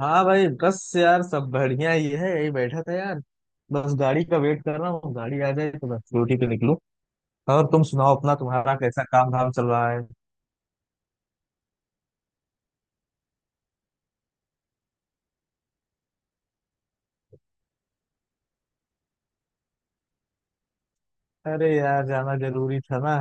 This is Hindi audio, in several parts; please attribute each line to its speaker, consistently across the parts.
Speaker 1: हाँ भाई, बस यार सब बढ़िया ही है। यही बैठा था यार, बस गाड़ी का वेट कर रहा हूँ। गाड़ी आ जाए तो बस ड्यूटी पे निकलूं। और तुम सुनाओ अपना, तुम्हारा कैसा काम धाम चल रहा है। अरे यार, जाना जरूरी था ना।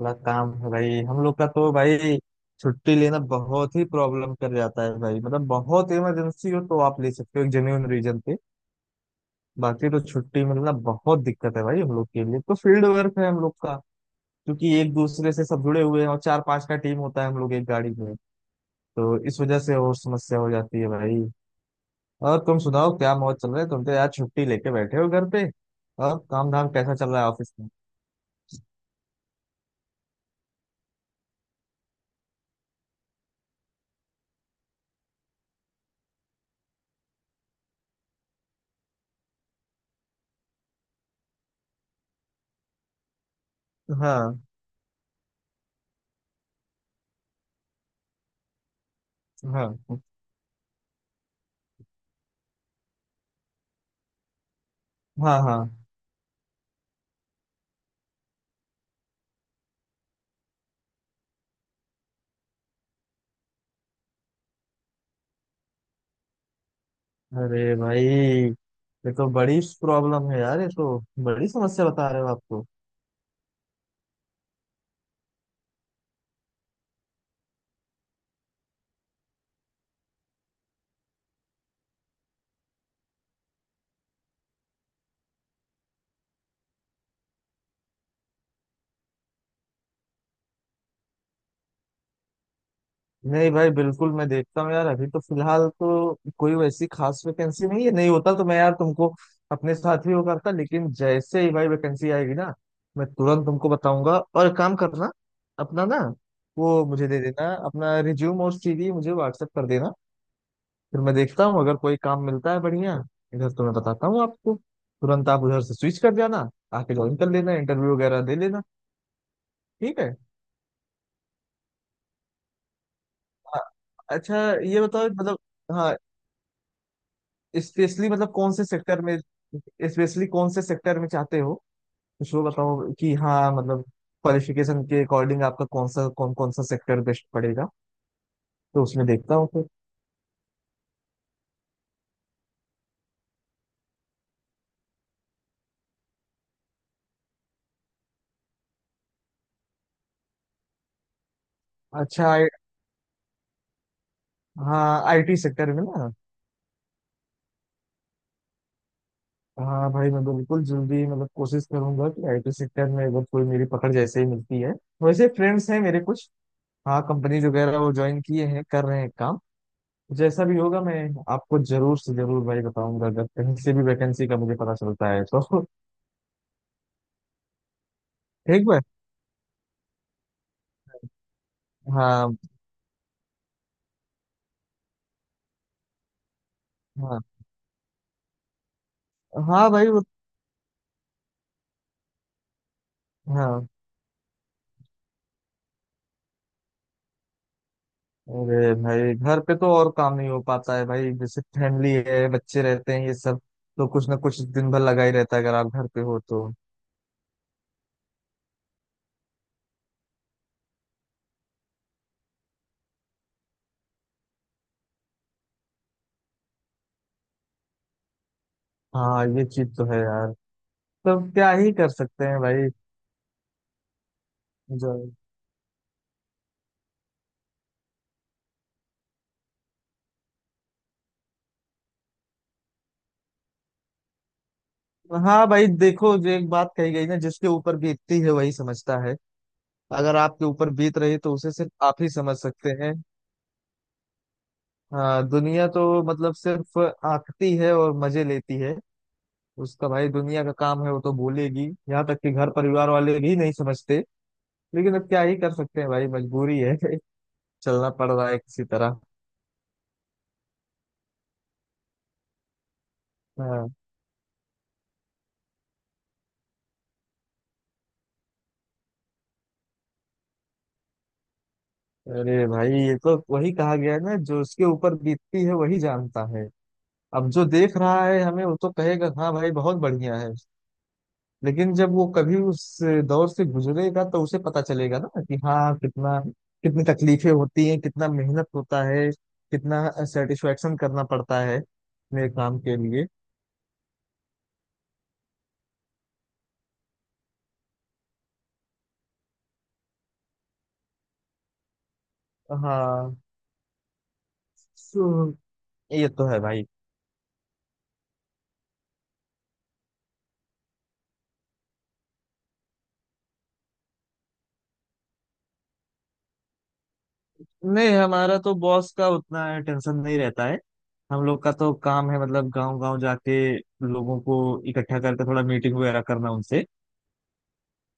Speaker 1: थोड़ा काम है भाई हम लोग का तो भाई। छुट्टी लेना बहुत ही प्रॉब्लम कर जाता है भाई। मतलब बहुत इमरजेंसी हो तो आप ले सकते हो एक जेन्युइन रीजन पे। बाकी तो छुट्टी मिलना बहुत दिक्कत है भाई हम लोग के लिए। तो फील्ड वर्क है हम लोग का, क्योंकि एक दूसरे से सब जुड़े हुए हैं और चार पांच का टीम होता है हम लोग एक गाड़ी में। तो इस वजह से और समस्या हो जाती है भाई। और तुम सुनाओ क्या मौज चल रहा है। तुम तो यार छुट्टी लेके बैठे हो घर पे। और काम धाम कैसा चल रहा है ऑफिस में। हाँ हाँ। हाँ। हाँ। अरे भाई, ये तो बड़ी प्रॉब्लम है यार। ये तो बड़ी समस्या बता रहे हो आप तो। नहीं भाई, बिल्कुल मैं देखता हूँ यार। अभी तो फिलहाल तो कोई वैसी खास वैकेंसी नहीं है। नहीं होता तो मैं यार तुमको अपने साथ ही वो करता, लेकिन जैसे ही भाई वैकेंसी आएगी ना मैं तुरंत तुमको बताऊंगा। और एक काम करना अपना ना, वो मुझे दे देना अपना रिज्यूम और सीवी, मुझे व्हाट्सएप कर देना। फिर मैं देखता हूँ, अगर कोई काम मिलता है बढ़िया इधर तो मैं बताता हूँ आपको। तुरंत आप उधर से स्विच कर जाना, आके ज्वाइन कर लेना, इंटरव्यू वगैरह दे लेना। ठीक है। हाँ। अच्छा, ये बताओ मतलब। हाँ। स्पेशली मतलब कौन से सेक्टर में, स्पेशली कौन से सेक्टर में चाहते हो। कुछ वो बताओ कि हाँ मतलब क्वालिफिकेशन के अकॉर्डिंग आपका कौन सा, कौन कौन सा सेक्टर बेस्ट पड़ेगा, तो उसमें देखता हूँ फिर। अच्छा। I, हाँ आईटी सेक्टर में ना। हाँ भाई, मैं बिल्कुल जल्दी मतलब कोशिश करूंगा कि आईटी सेक्टर में अगर कोई मेरी पकड़ जैसे ही मिलती है। वैसे फ्रेंड्स हैं मेरे कुछ, हाँ कंपनीज वगैरह वो ज्वाइन किए हैं, कर रहे हैं काम। जैसा भी होगा मैं आपको जरूर से जरूर भाई बताऊंगा, अगर कहीं से भी वैकेंसी का मुझे पता चलता है तो। ठीक। हाँ। हाँ हाँ भाई वो। हाँ। अरे भाई, घर पे तो और काम नहीं हो पाता है भाई। जैसे फैमिली है, बच्चे रहते हैं ये सब, तो कुछ ना कुछ दिन भर लगा ही रहता है अगर आप घर पे हो तो। हाँ ये चीज तो है यार। तो क्या ही कर सकते हैं भाई। जो, हाँ भाई देखो, जो एक बात कही गई ना, जिसके ऊपर बीतती है वही समझता है। अगर आपके ऊपर बीत रही तो उसे सिर्फ आप ही समझ सकते हैं। हाँ दुनिया तो मतलब सिर्फ आंकती है और मजे लेती है उसका। भाई दुनिया का काम है, वो तो बोलेगी। यहाँ तक कि घर परिवार वाले भी नहीं समझते, लेकिन अब क्या ही कर सकते हैं भाई, मजबूरी है। चलना पड़ रहा है किसी तरह। हाँ। अरे भाई, ये तो वही कहा गया है ना, जो उसके ऊपर बीतती है वही जानता है। अब जो देख रहा है हमें वो तो कहेगा हाँ भाई बहुत बढ़िया है, लेकिन जब वो कभी उस दौर से गुजरेगा तो उसे पता चलेगा ना कि हाँ कितना, कितनी तकलीफें होती हैं, कितना मेहनत होता है, कितना सेटिस्फेक्शन करना पड़ता है अपने काम के लिए। हाँ। सो- ये तो है भाई। नहीं, हमारा तो बॉस का उतना टेंशन नहीं रहता है। हम लोग का तो काम है मतलब गांव गांव जाके लोगों को इकट्ठा करके थोड़ा मीटिंग वगैरह करना उनसे।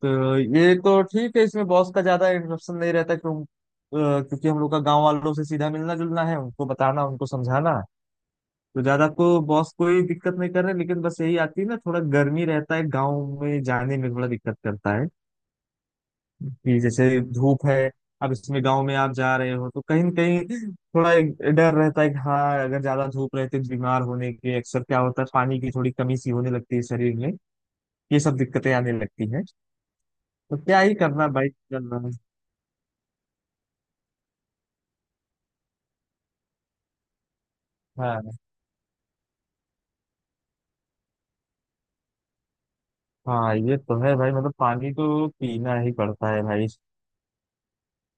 Speaker 1: तो ये तो ठीक है, इसमें बॉस का ज्यादा इंटरप्शन नहीं रहता। क्यों? क्योंकि हम लोग का गांव वालों से सीधा मिलना जुलना है, उनको बताना, उनको समझाना। तो ज्यादा को बॉस कोई दिक्कत नहीं कर रहे, लेकिन बस यही आती है ना, थोड़ा गर्मी रहता है गाँव में जाने में थोड़ा दिक्कत करता है, कि जैसे धूप है। अब इसमें गांव में आप जा रहे हो तो कहीं ना कहीं थोड़ा एक डर रहता है कि हाँ, अगर ज्यादा धूप रहती है तो बीमार होने के अक्सर क्या होता है, पानी की थोड़ी कमी सी होने लगती है शरीर में, ये सब दिक्कतें आने लगती हैं। तो क्या ही करना भाई, चल रहा है। हाँ। हाँ ये तो है भाई। मतलब पानी तो पीना ही पड़ता है भाई।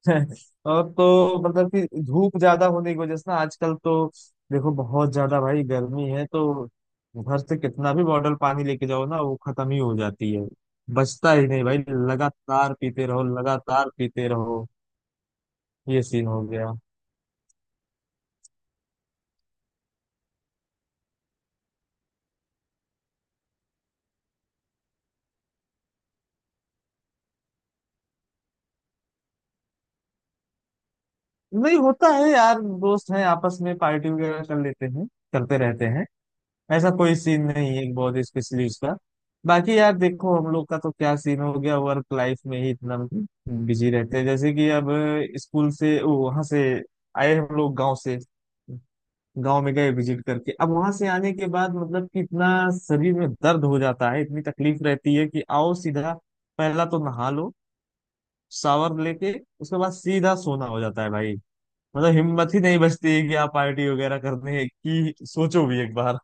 Speaker 1: और तो मतलब कि धूप ज्यादा होने की वजह से ना आजकल तो, देखो बहुत ज्यादा भाई गर्मी है। तो घर से कितना भी बॉटल पानी लेके जाओ ना वो खत्म ही हो जाती है, बचता ही नहीं भाई। लगातार पीते रहो, लगातार पीते रहो। ये सीन हो गया। नहीं होता है यार। दोस्त हैं आपस में, पार्टी वगैरह कर लेते हैं, करते रहते हैं। ऐसा कोई सीन नहीं है बहुत स्पेशली उसका। बाकी यार देखो हम लोग का तो क्या सीन हो गया, वर्क लाइफ में ही इतना बिजी रहते हैं। जैसे कि अब स्कूल से वहां से आए हम लोग गांव से, गांव में गए विजिट करके, अब वहां से आने के बाद मतलब कि इतना शरीर में दर्द हो जाता है, इतनी तकलीफ रहती है कि आओ सीधा, पहला तो नहा लो शावर लेके, उसके बाद सीधा सोना हो जाता है भाई। मतलब हिम्मत ही नहीं बचती है कि आप पार्टी वगैरह करने की सोचो भी एक बार।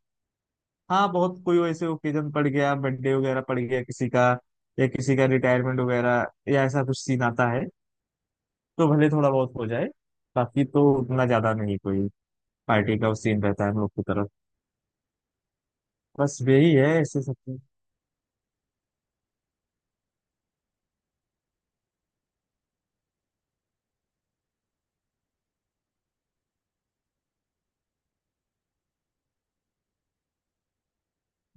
Speaker 1: हाँ बहुत कोई वैसे ओकेजन पड़ गया, बर्थडे वगैरह पड़ गया किसी का, या किसी का रिटायरमेंट वगैरह, या ऐसा कुछ सीन आता है तो भले थोड़ा बहुत हो जाए। बाकी तो उतना ज्यादा नहीं कोई पार्टी का वो सीन रहता है हम लोग की तरफ। बस यही है ऐसे सब कुछ।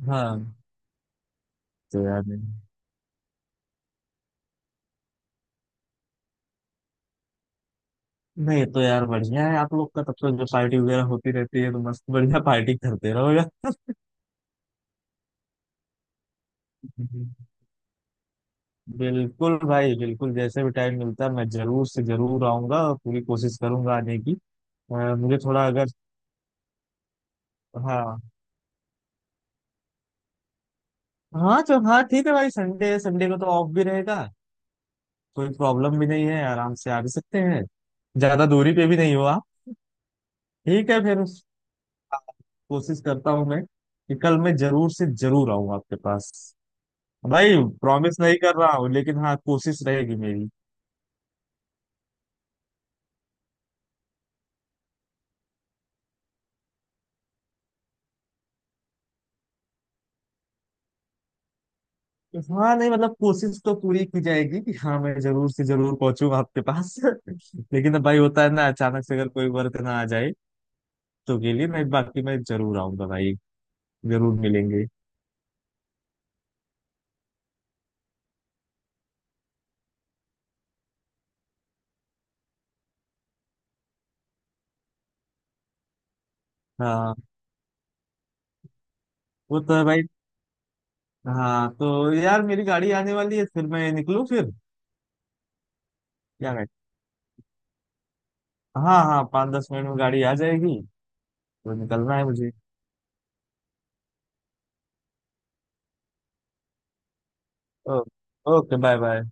Speaker 1: हाँ तो यार, नहीं नहीं, तो यार बढ़िया है आप लोग का तब तो, जो पार्टी वगैरह होती रहती है तो मस्त बढ़िया पार्टी करते रहो यार। बिल्कुल भाई, बिल्कुल जैसे भी टाइम मिलता है मैं जरूर से जरूर आऊंगा और पूरी कोशिश करूंगा आने की। मुझे थोड़ा अगर, हाँ हाँ चल हाँ ठीक है भाई, संडे संडे को तो ऑफ भी रहेगा, कोई प्रॉब्लम भी नहीं है, आराम से आ भी सकते हैं। ज्यादा दूरी पे भी नहीं हो आप। ठीक है फिर, कोशिश करता हूँ मैं कि कल मैं जरूर से जरूर आऊँ आपके पास भाई। प्रॉमिस नहीं कर रहा हूँ, लेकिन हाँ कोशिश रहेगी मेरी। हाँ नहीं, मतलब कोशिश तो पूरी की जाएगी कि हाँ मैं जरूर से जरूर पहुंचूंगा आपके पास। लेकिन अब भाई होता है ना, अचानक से अगर कोई वर्क ना आ जाए तो, के लिए मैं, बाकी मैं जरूर आऊंगा भाई, जरूर मिलेंगे। हाँ वो तो है भाई। हाँ तो यार, मेरी गाड़ी आने वाली है, फिर मैं निकलूँ फिर। क्या कहते, हाँ हाँ 5 10 मिनट में गाड़ी आ जाएगी। तो निकलना है मुझे। Oh, okay, bye bye.